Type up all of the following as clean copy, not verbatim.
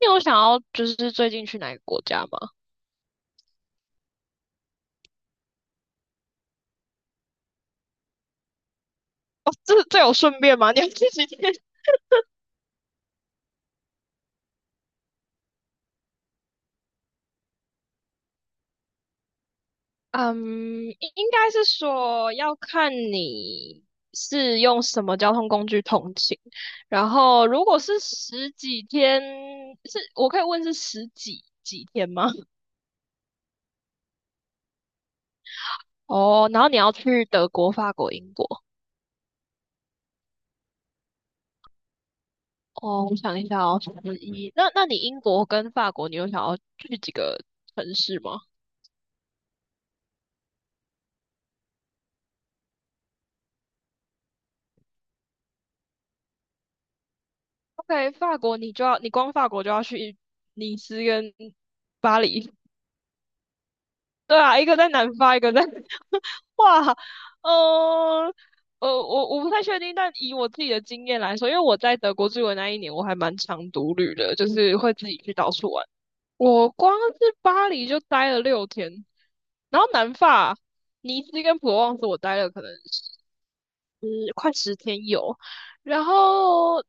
你有想要就是最近去哪个国家吗？哦，这有顺便吗？你要去几天？嗯，应该是说要看你是用什么交通工具通勤，然后如果是十几天，是我可以问是十几天吗？哦，然后你要去德国、法国、英国。哦，我想一下哦，十一。那那你英国跟法国，你有想要去几个城市吗？OK，法国你就要，你光法国就要去尼斯跟巴黎，对啊，一个在南法，一个在，哇，呃，我不太确定，但以我自己的经验来说，因为我在德国住的那一年，我还蛮常独旅的，就是会自己去到处玩。我光是巴黎就待了六天，然后南法尼斯跟普罗旺斯我待了可能嗯快十天有，然后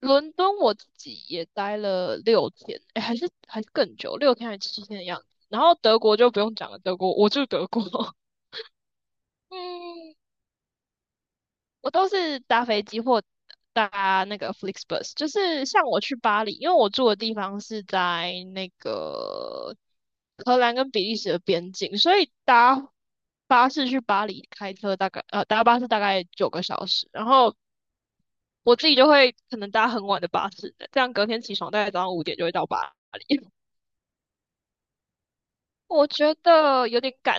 伦敦我自己也待了六天，哎，还是更久，六天还是七天的样子。然后德国就不用讲了，德国我住德国，嗯，我都是搭飞机或搭那个 FlixBus，就是像我去巴黎，因为我住的地方是在那个荷兰跟比利时的边境，所以搭巴士去巴黎，开车大概搭巴士大概九个小时，然后我自己就会可能搭很晚的巴士，这样隔天起床大概早上五点就会到巴黎。我觉得有点赶。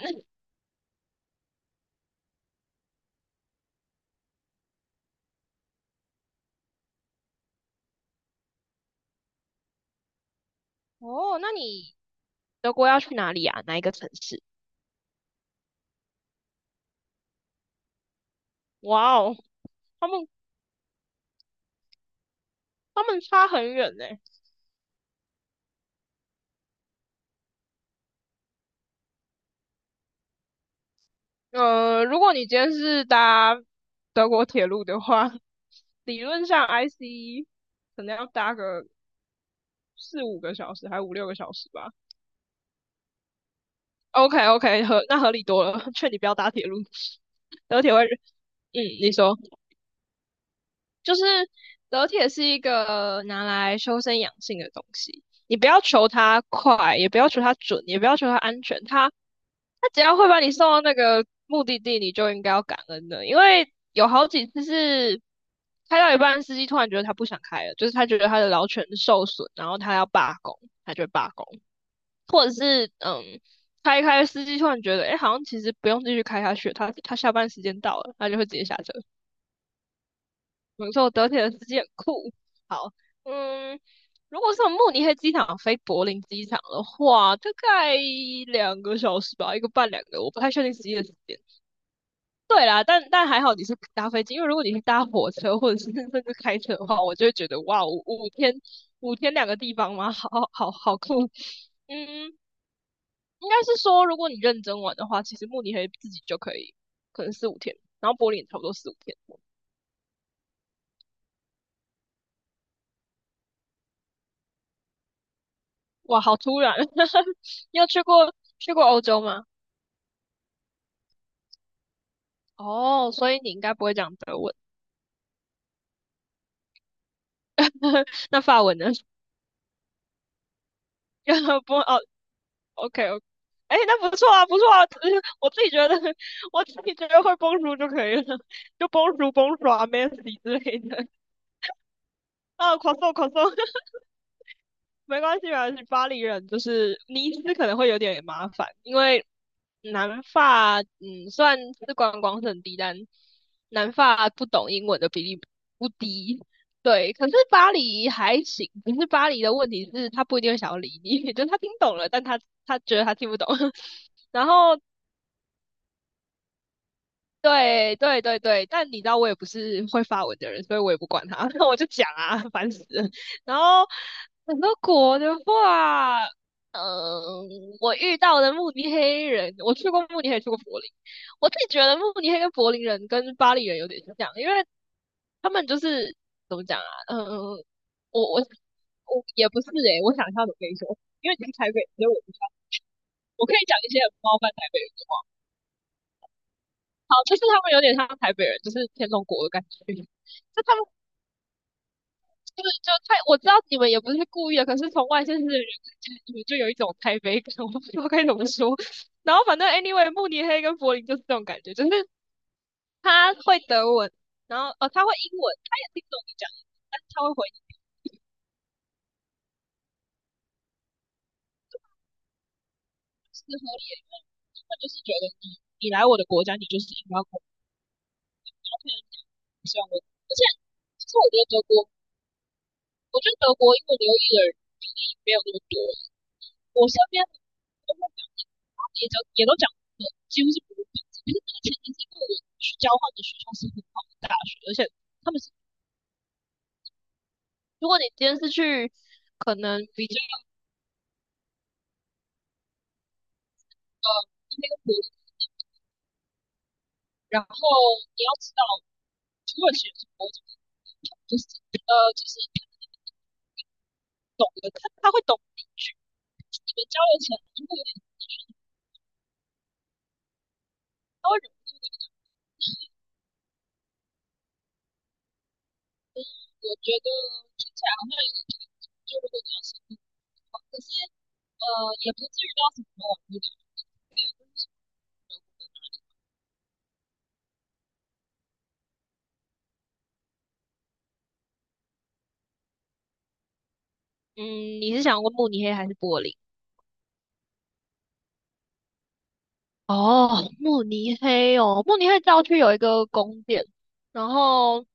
哦，那你德国要去哪里啊？哪一个城市？哇哦，他们他们差很远呢、呃，如果你今天是搭德国铁路的话，理论上 IC 可能要搭个四五个小时，还五六个小时吧。OK OK，那理多了，劝你不要搭铁路，德铁会，嗯，你说，就是德铁是一个拿来修身养性的东西，你不要求它快，也不要求它准，也不要求它安全，它只要会把你送到那个目的地，你就应该要感恩的，因为有好几次是。开到一半，司机突然觉得他不想开了，就是他觉得他的劳权受损，然后他要罢工，他就会罢工，或者是开一开，司机突然觉得，欸好像其实不用继续开下去他下班时间到了，他就会直接下车。没错，德铁的司机很酷。好，嗯，如果是从慕尼黑机场飞柏林机场的话，大概两个小时吧，一个半两个，我不太确定实际的时间。对啦，但还好你是搭飞机，因为如果你是搭火车或者是甚至开车的话，我就会觉得哇，五天五天两个地方吗？好好好酷。嗯，应该是说如果你认真玩的话，其实慕尼黑自己就可以，可能四五天，然后柏林也差不多四五天。哇，好突然！你有去过欧洲吗？哦，所以你应该不会讲德文，那法文呢？不，哦，OK OK，哎，那不错啊，不错啊，我自己觉得，我自己觉得会 b o 就可以了，就 b o n j o u 之类的。啊 c r o i 没关系，没关系。巴黎人就是尼斯可能会有点麻烦，因为南法，嗯，虽然是观光胜低，但南法不懂英文的比例不低。对，可是巴黎还行，可是巴黎的问题是，他不一定会想要理你，就是他听懂了，他觉得他听不懂。然后，对对对对，但你知道我也不是会发文的人，所以我也不管他，我就讲啊，烦死了。然后很多国的话，嗯，我遇到的慕尼黑人，我去过慕尼黑，去过柏林。我自己觉得慕尼黑跟柏林人跟巴黎人有点像，因为他们就是怎么讲啊？嗯，我我也不是我想一下怎么跟你说，因为你是台北人所以我不知道。我可以讲一些很冒犯台北人的话。好，就是他们有点像台北人，就是天龙国的感觉。就他们对，就太我知道你们也不是故意的，可是从外县市的人看起来，你们就有一种台北感，我不知道该怎么说。然后反正 anyway，慕尼黑跟柏林就是这种感觉，就是他会德文，然后哦他会英文，他也听不懂你讲英文，但是他会回你是合理的，他就是觉得你来我的国家，你就是应该我，OK，希望我，而且其实我觉得德国，我觉得德国英文流利的人比例没有那么多，我身边的都会讲，也都讲的几乎是不会本地，可是那个前提是因为我去交换的学校是很好的大学，而且他们是如果你今天是去可能比较呃那个国，然后你要知道土耳其人是某种就是呃就是懂得他会懂你句，你们交流起来就会有点高人。嗯，我觉得听起来好像有点，就如果你要深入的话，可是呃也不至于到什么网络的。嗯，你是想问慕尼黑还是柏林？哦，慕尼黑哦，慕尼黑郊区有一个宫殿，然后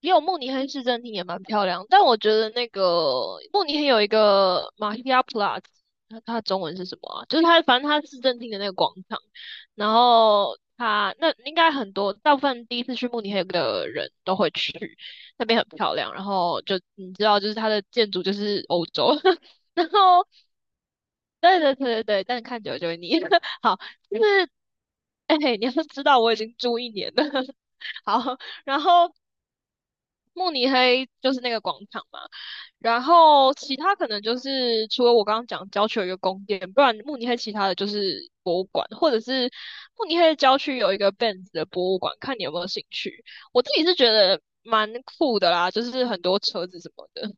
也有慕尼黑市政厅也蛮漂亮，但我觉得那个慕尼黑有一个马希亚普拉兹，它的中文是什么啊？就是它反正它市政厅的那个广场，然后它那应该很多大部分第一次去慕尼黑的人都会去，那边很漂亮，然后就你知道，就是它的建筑就是欧洲，然后对，但是看久了就会腻。好，就是，你要知道我已经住一年了。好，然后慕尼黑就是那个广场嘛，然后其他可能就是除了我刚刚讲郊区有一个宫殿，不然慕尼黑其他的就是博物馆，或者是慕尼黑的郊区有一个 Benz 的博物馆，看你有没有兴趣。我自己是觉得蛮酷的啦，就是很多车子什么的。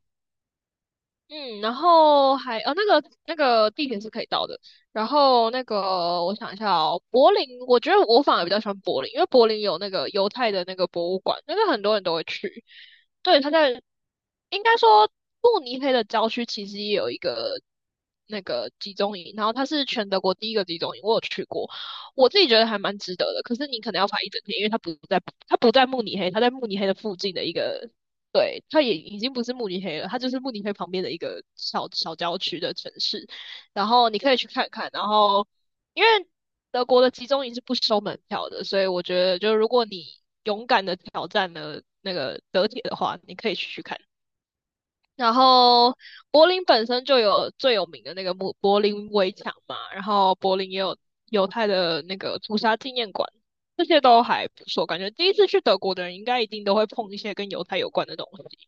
嗯，然后还那个地铁是可以到的，然后那个我想一下哦，柏林，我觉得我反而比较喜欢柏林，因为柏林有那个犹太的那个博物馆，那个很多人都会去。对，他在应该说慕尼黑的郊区其实也有一个那个集中营，然后它是全德国第一个集中营，我有去过，我自己觉得还蛮值得的。可是你可能要排一整天，因为它不在慕尼黑，它在慕尼黑的附近的一个对，它也已经不是慕尼黑了，它就是慕尼黑旁边的一个小小郊区的城市。然后你可以去看看。然后，因为德国的集中营是不收门票的，所以我觉得，就如果你勇敢的挑战了那个德铁的话，你可以去看。然后，柏林本身就有最有名的那个慕柏林围墙嘛，然后柏林也有犹太的那个屠杀纪念馆。这些都还不错，感觉第一次去德国的人应该一定都会碰一些跟犹太有关的东西。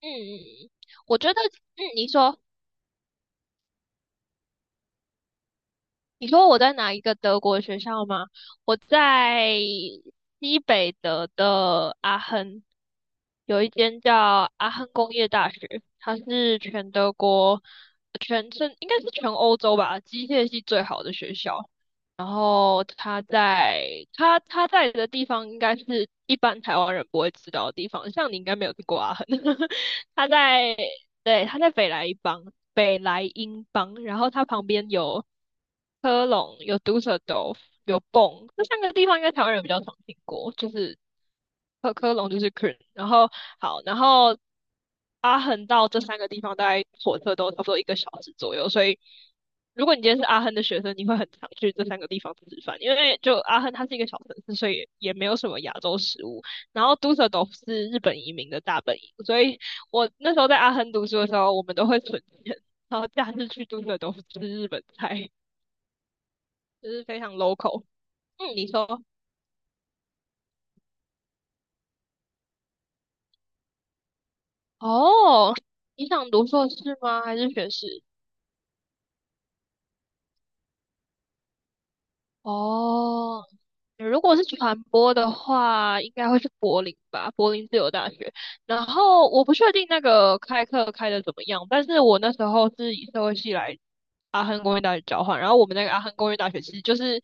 嗯嗯，我觉得，嗯，你说，你说我在哪一个德国学校吗？我在西北德的阿亨，有一间叫阿亨工业大学，它是全德国、全是应该是全欧洲吧，机械系最好的学校。然后它在它在的地方，应该是一般台湾人不会知道的地方，像你应该没有去过阿亨，它在。对，他在北莱茵邦，北莱茵邦，然后它旁边有科隆，有杜塞尔多夫，有蹦，这三个地方应该台湾人比较常听过，就是科隆就是 k ö n 然后好，然后阿亨到这三个地方大概火车都差不多1个小时左右，所以如果你今天是阿亨的学生，你会很常去这三个地方吃饭，因为就阿亨它是一个小城市，所以也没有什么亚洲食物，然后杜塞尔多夫是日本移民的大本营，所以。我那时候在阿亨读书的时候，我们都会存钱，然后假日去住的都是吃日本菜，就是非常 local。嗯，你说，哦，你想读硕士吗？还是学士？哦，如果是传播的话，应该会是柏林吧，柏林自由大学。然后我不确定那个开课开的怎么样，但是我那时候是以社会系来阿亨工业大学交换，然后我们那个阿亨工业大学其实就是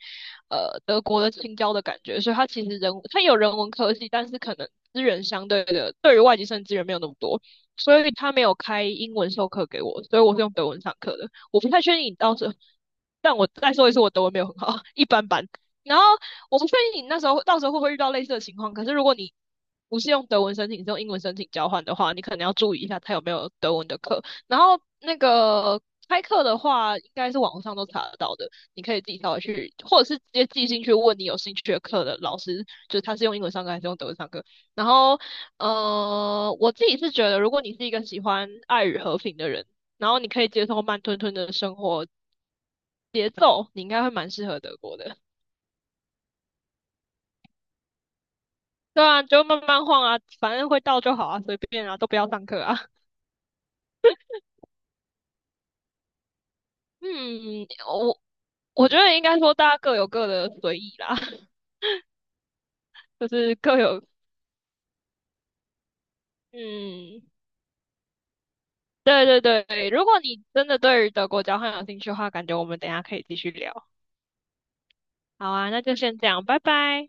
德国的青椒的感觉，所以它其实人它有人文科技，但是可能资源相对的对于外籍生资源没有那么多，所以他没有开英文授课给我，所以我是用德文上课的。我不太确定你到时候。但我再说一次，我德文没有很好，一般般。然后我不确定你那时候到时候会不会遇到类似的情况，可是如果你不是用德文申请，是用英文申请交换的话，你可能要注意一下他有没有德文的课。然后那个开课的话，应该是网上都查得到的，你可以自己跳微去，或者是直接寄信去问你有兴趣的课的老师，就是他是用英文上课还是用德文上课。然后，我自己是觉得，如果你是一个喜欢爱与和平的人，然后你可以接受慢吞吞的生活，节奏，你应该会蛮适合德国的。对啊，就慢慢晃啊，反正会到就好啊，随便啊，都不要上课啊。嗯，我觉得应该说大家各有各的随意啦，就是各有嗯，对对对。如果你真的对于德国交换有兴趣的话，感觉我们等一下可以继续聊。好啊，那就先这样，拜拜。